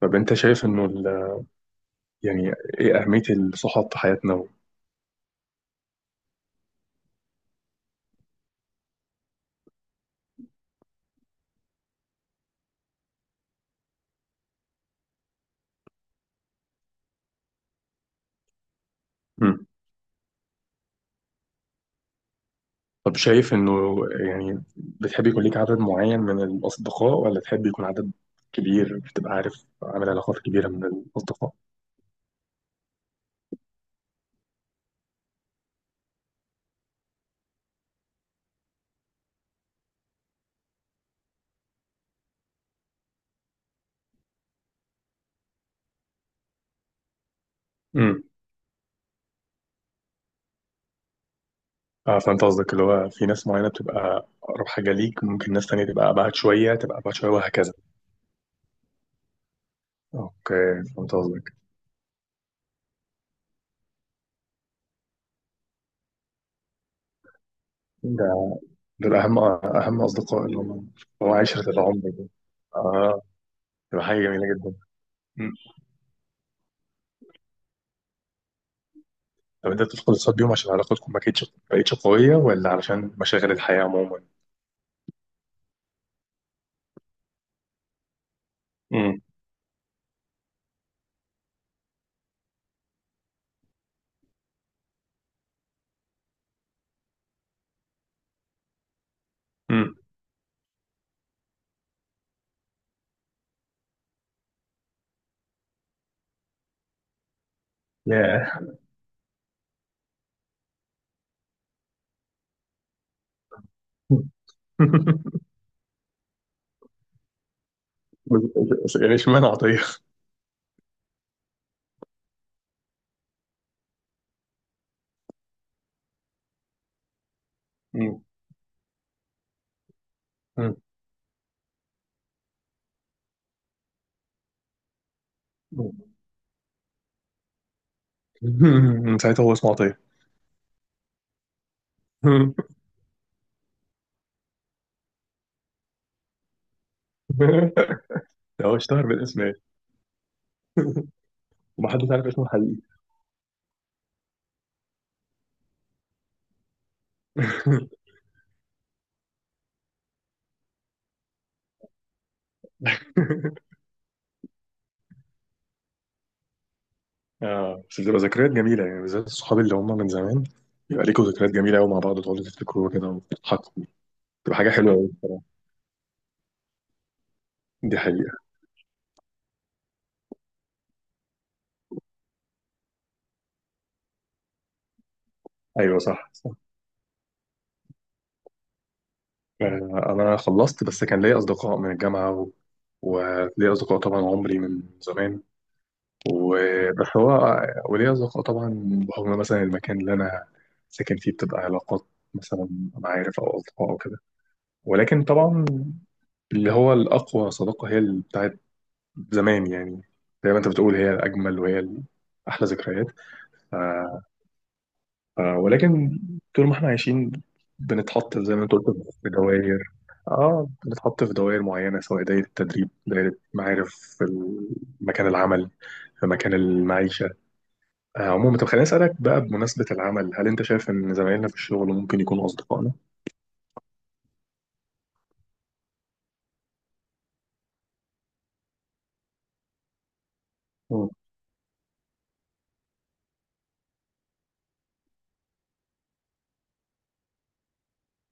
طب انت شايف انه يعني ايه اهمية الصحاب في حياتنا و. مم. طب شايف انه يعني بتحب يكون ليك عدد معين من الاصدقاء، ولا تحب يكون عدد كبير، بتبقى عارف، عامل علاقات كبيرة من الاصدقاء؟ امم اه، فانت قصدك اللي هو في ناس معينة بتبقى اقرب حاجة ليك، ممكن ناس تانية تبقى ابعد شوية، تبقى ابعد شوية، وهكذا. اوكي، فهمت قصدك. ده دول اهم اهم اصدقاء اللي هم. هو عشرة العمر دول. اه، تبقى حاجة جميلة جدا. طب انت بتدخل الاقتصاد بيهم عشان علاقتكم ما كانتش ما بقتش قويه، ولا عشان مشاغل الحياه عموما؟ امم امم ياه. بس- بس يعني اشمعنى عطيه؟ مم. مم. مم. من ساعتها هو اسمه عطيه. ده هو اشتهر بالاسم ايه؟ ومحدش عارف اسمه الحقيقي. اه، بس بتبقى ذكريات جميله، يعني بالذات الصحاب اللي هم من زمان يبقى ليكوا ذكريات جميله قوي مع بعض، تقعدوا تفتكروا كده وتضحكوا. تبقى حاجه حلوه قوي بصراحه. دي حقيقه. ايوه، صح. آه، أنا خلصت، بس كان ليا أصدقاء من الجامعة و. وليا أصدقاء طبعا عمري من زمان. وبس هو وليا أصدقاء طبعا بحكم مثلا المكان اللي أنا ساكن فيه، بتبقى علاقات مثلا، معارف أو أصدقاء أو كده. ولكن طبعا اللي هو الأقوى صداقة هي اللي بتاعت زمان، يعني زي ما أنت بتقول هي الأجمل وهي أحلى ذكريات. آه، آه، ولكن طول ما احنا عايشين بنتحط زي ما انت قلت في دوائر. اه، بنتحط في دوائر معينة، سواء دايرة التدريب، دايرة معارف، في مكان العمل، في مكان المعيشة. آه، عموما، طب خليني أسألك بقى بمناسبة العمل، هل أنت شايف إن زمايلنا في الشغل ممكن يكونوا أصدقائنا؟ مم.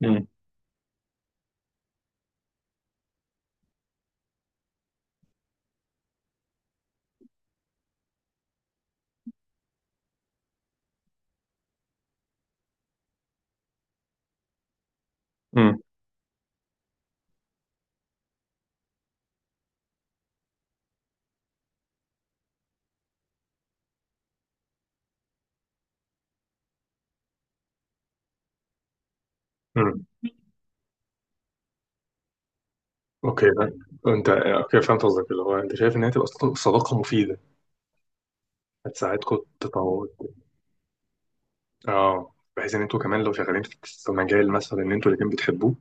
مم. مم. مم. اوكي، انت اوكي، فهمت قصدك اللي هو انت شايف ان هي تبقى صداقة مفيده، هتساعدكم تطور. اه، بحيث ان انتوا كمان لو شغالين في مجال مثلا ان انتوا الاتنين بتحبوه،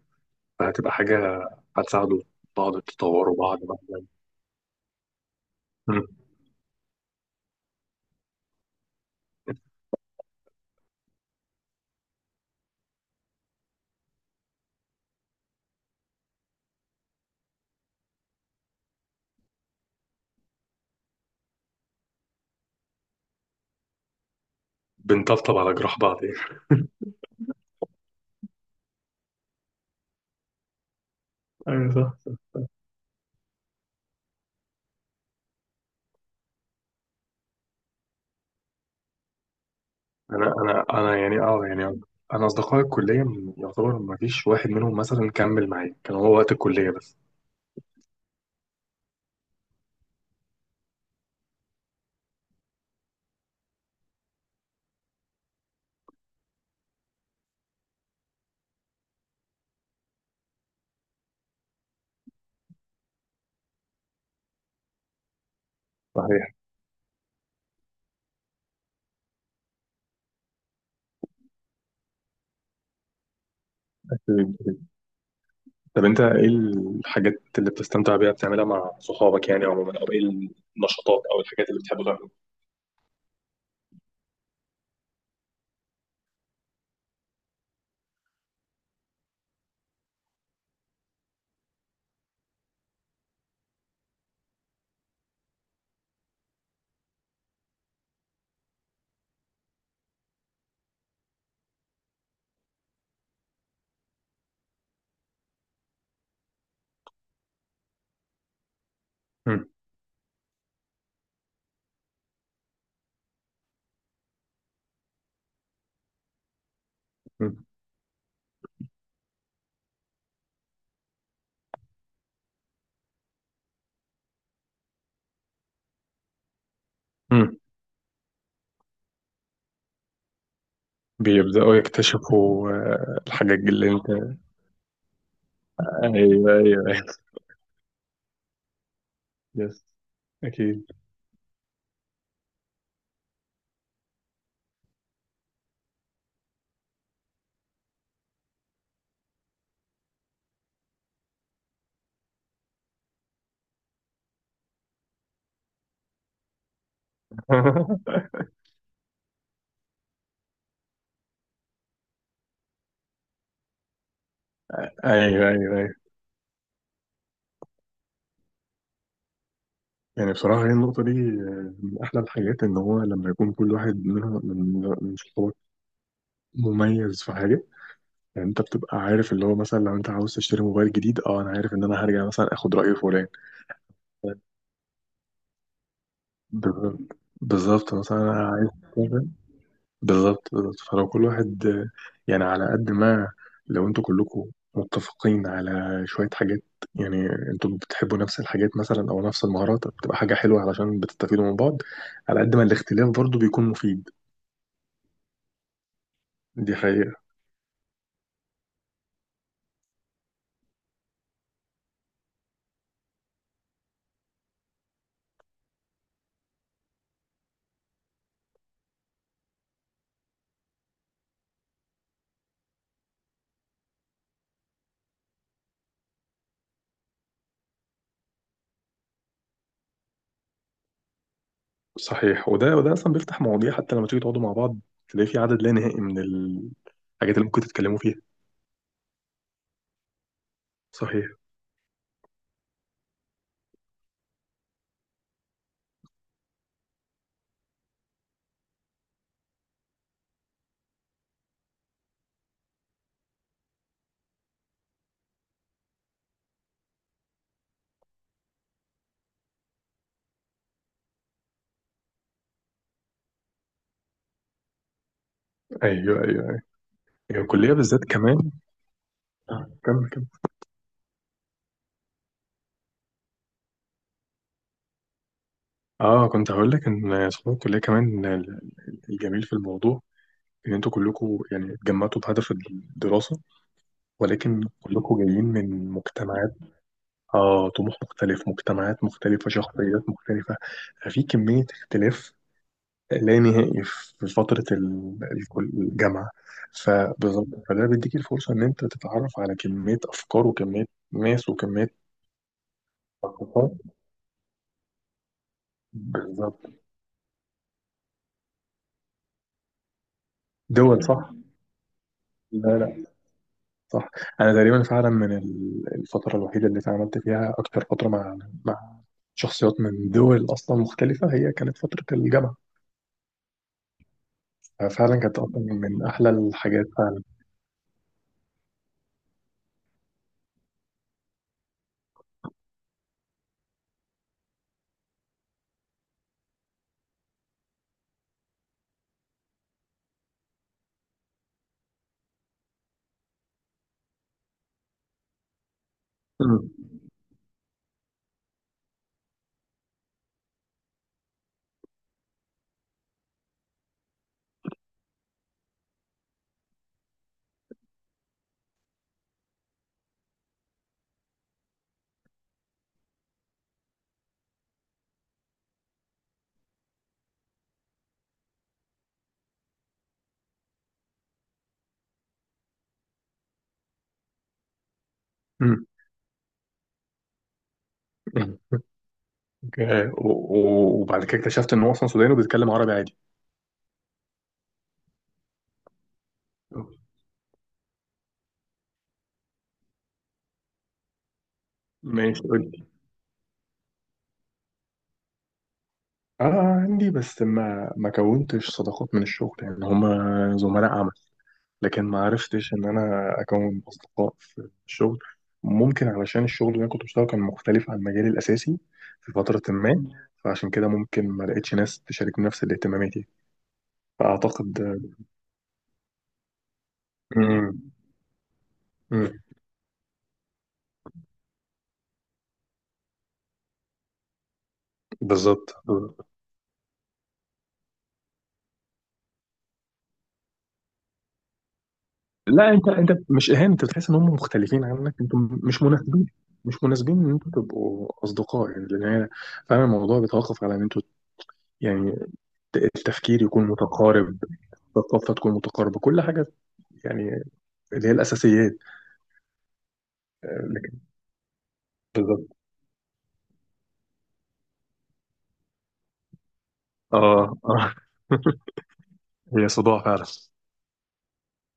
فهتبقى حاجة، هتساعدوا بعض، تطوروا بعض بقى. مم. بنطبطب على جراح بعض يعني. ايوه، صح، صح. انا يعني، اه يعني، انا اصدقائي الكليه يعتبر ما فيش واحد منهم مثلا كمل معايا، كان هو وقت الكليه بس. صحيح. طب انت ايه الحاجات اللي بتستمتع بيها بتعملها مع صحابك، يعني عموما، او ايه النشاطات او الحاجات اللي بتحبوا تعملوها؟ مم. مم. مم. بيبدأوا يكتشفوا آه، الحاجات اللي انت. ايوه، ايوه. يس. اكيد. ايوه، ايوه، ايوه. يعني بصراحه هي النقطه دي آه، من احلى الحاجات ان هو لما يكون كل واحد منها من صحابك مميز في حاجه. يعني انت بتبقى عارف اللي هو مثلا لو انت عاوز تشتري موبايل جديد، اه انا عارف ان انا هرجع مثلا اخد راي فلان. بالظبط، بالظبط. مثلا انا عايز. بالظبط، بالظبط. فلو كل واحد آه، يعني على قد ما لو انتوا كلكم متفقين على شوية حاجات، يعني انتوا بتحبوا نفس الحاجات مثلا او نفس المهارات، بتبقى حاجة حلوة علشان بتستفيدوا من بعض. على قد ما الاختلاف برضو بيكون مفيد. دي حقيقة. صحيح، وده اصلا بيفتح مواضيع حتى لما تيجي تقعدوا مع بعض، تلاقي في عدد لا نهائي من الحاجات اللي ممكن تتكلموا فيها. صحيح. ايوه، ايوه، ايوه. هي الكلية بالذات كمان. آه، كمل، كمل. اه كنت هقول لك ان صحاب الكلية كمان، الجميل في الموضوع ان انتوا كلكم يعني اتجمعتوا بهدف الدراسة. ولكن كلكم جايين من مجتمعات. آه، طموح مختلف، مجتمعات مختلفة، شخصيات مختلفة. ففي كمية اختلاف لا نهائي في فترة الجامعة. فبالظبط، فده بيديك الفرصة إن أنت تتعرف على كمية أفكار، وكمية ناس، وكمية ثقافات. بالظبط. دول صح؟ لا لا. صح. انا تقريبا فعلا من الفتره الوحيده اللي اتعاملت فيها اكتر فتره مع، مع شخصيات من دول اصلا مختلفه، هي كانت فتره الجامعه. فعلا كانت أصلاً من احلى الحاجات فعلا. مم. مم. مم. أوكي. وبعد كده اكتشفت ان هو اصلا سوداني وبيتكلم عربي عادي. ماشي، قول لي. اه، عندي بس ما كونتش صداقات من الشغل، يعني هما زملاء. لكن ما عرفتش ان انا اكون اصدقاء في الشغل، ممكن علشان الشغل اللي انا كنت بشتغله كان مختلف عن مجالي الاساسي في فتره ما. فعشان كده ممكن ما لقيتش ناس تشارك نفس الاهتماماتي، فاعتقد. مم. مم. بالظبط. لا، انت انت مش اهانه، انت بتحس ان هم مختلفين عنك، انتوا مش مناسبين. مش مناسبين ان انتوا تبقوا اصدقاء، يعني لان هي فعلا الموضوع بيتوقف على ان انتوا، يعني التفكير يكون متقارب، الثقافه تكون متقاربه، كل حاجه، يعني اللي هي الأساسيات. لكن. بالظبط. اه، اه. هي صداع فعلا.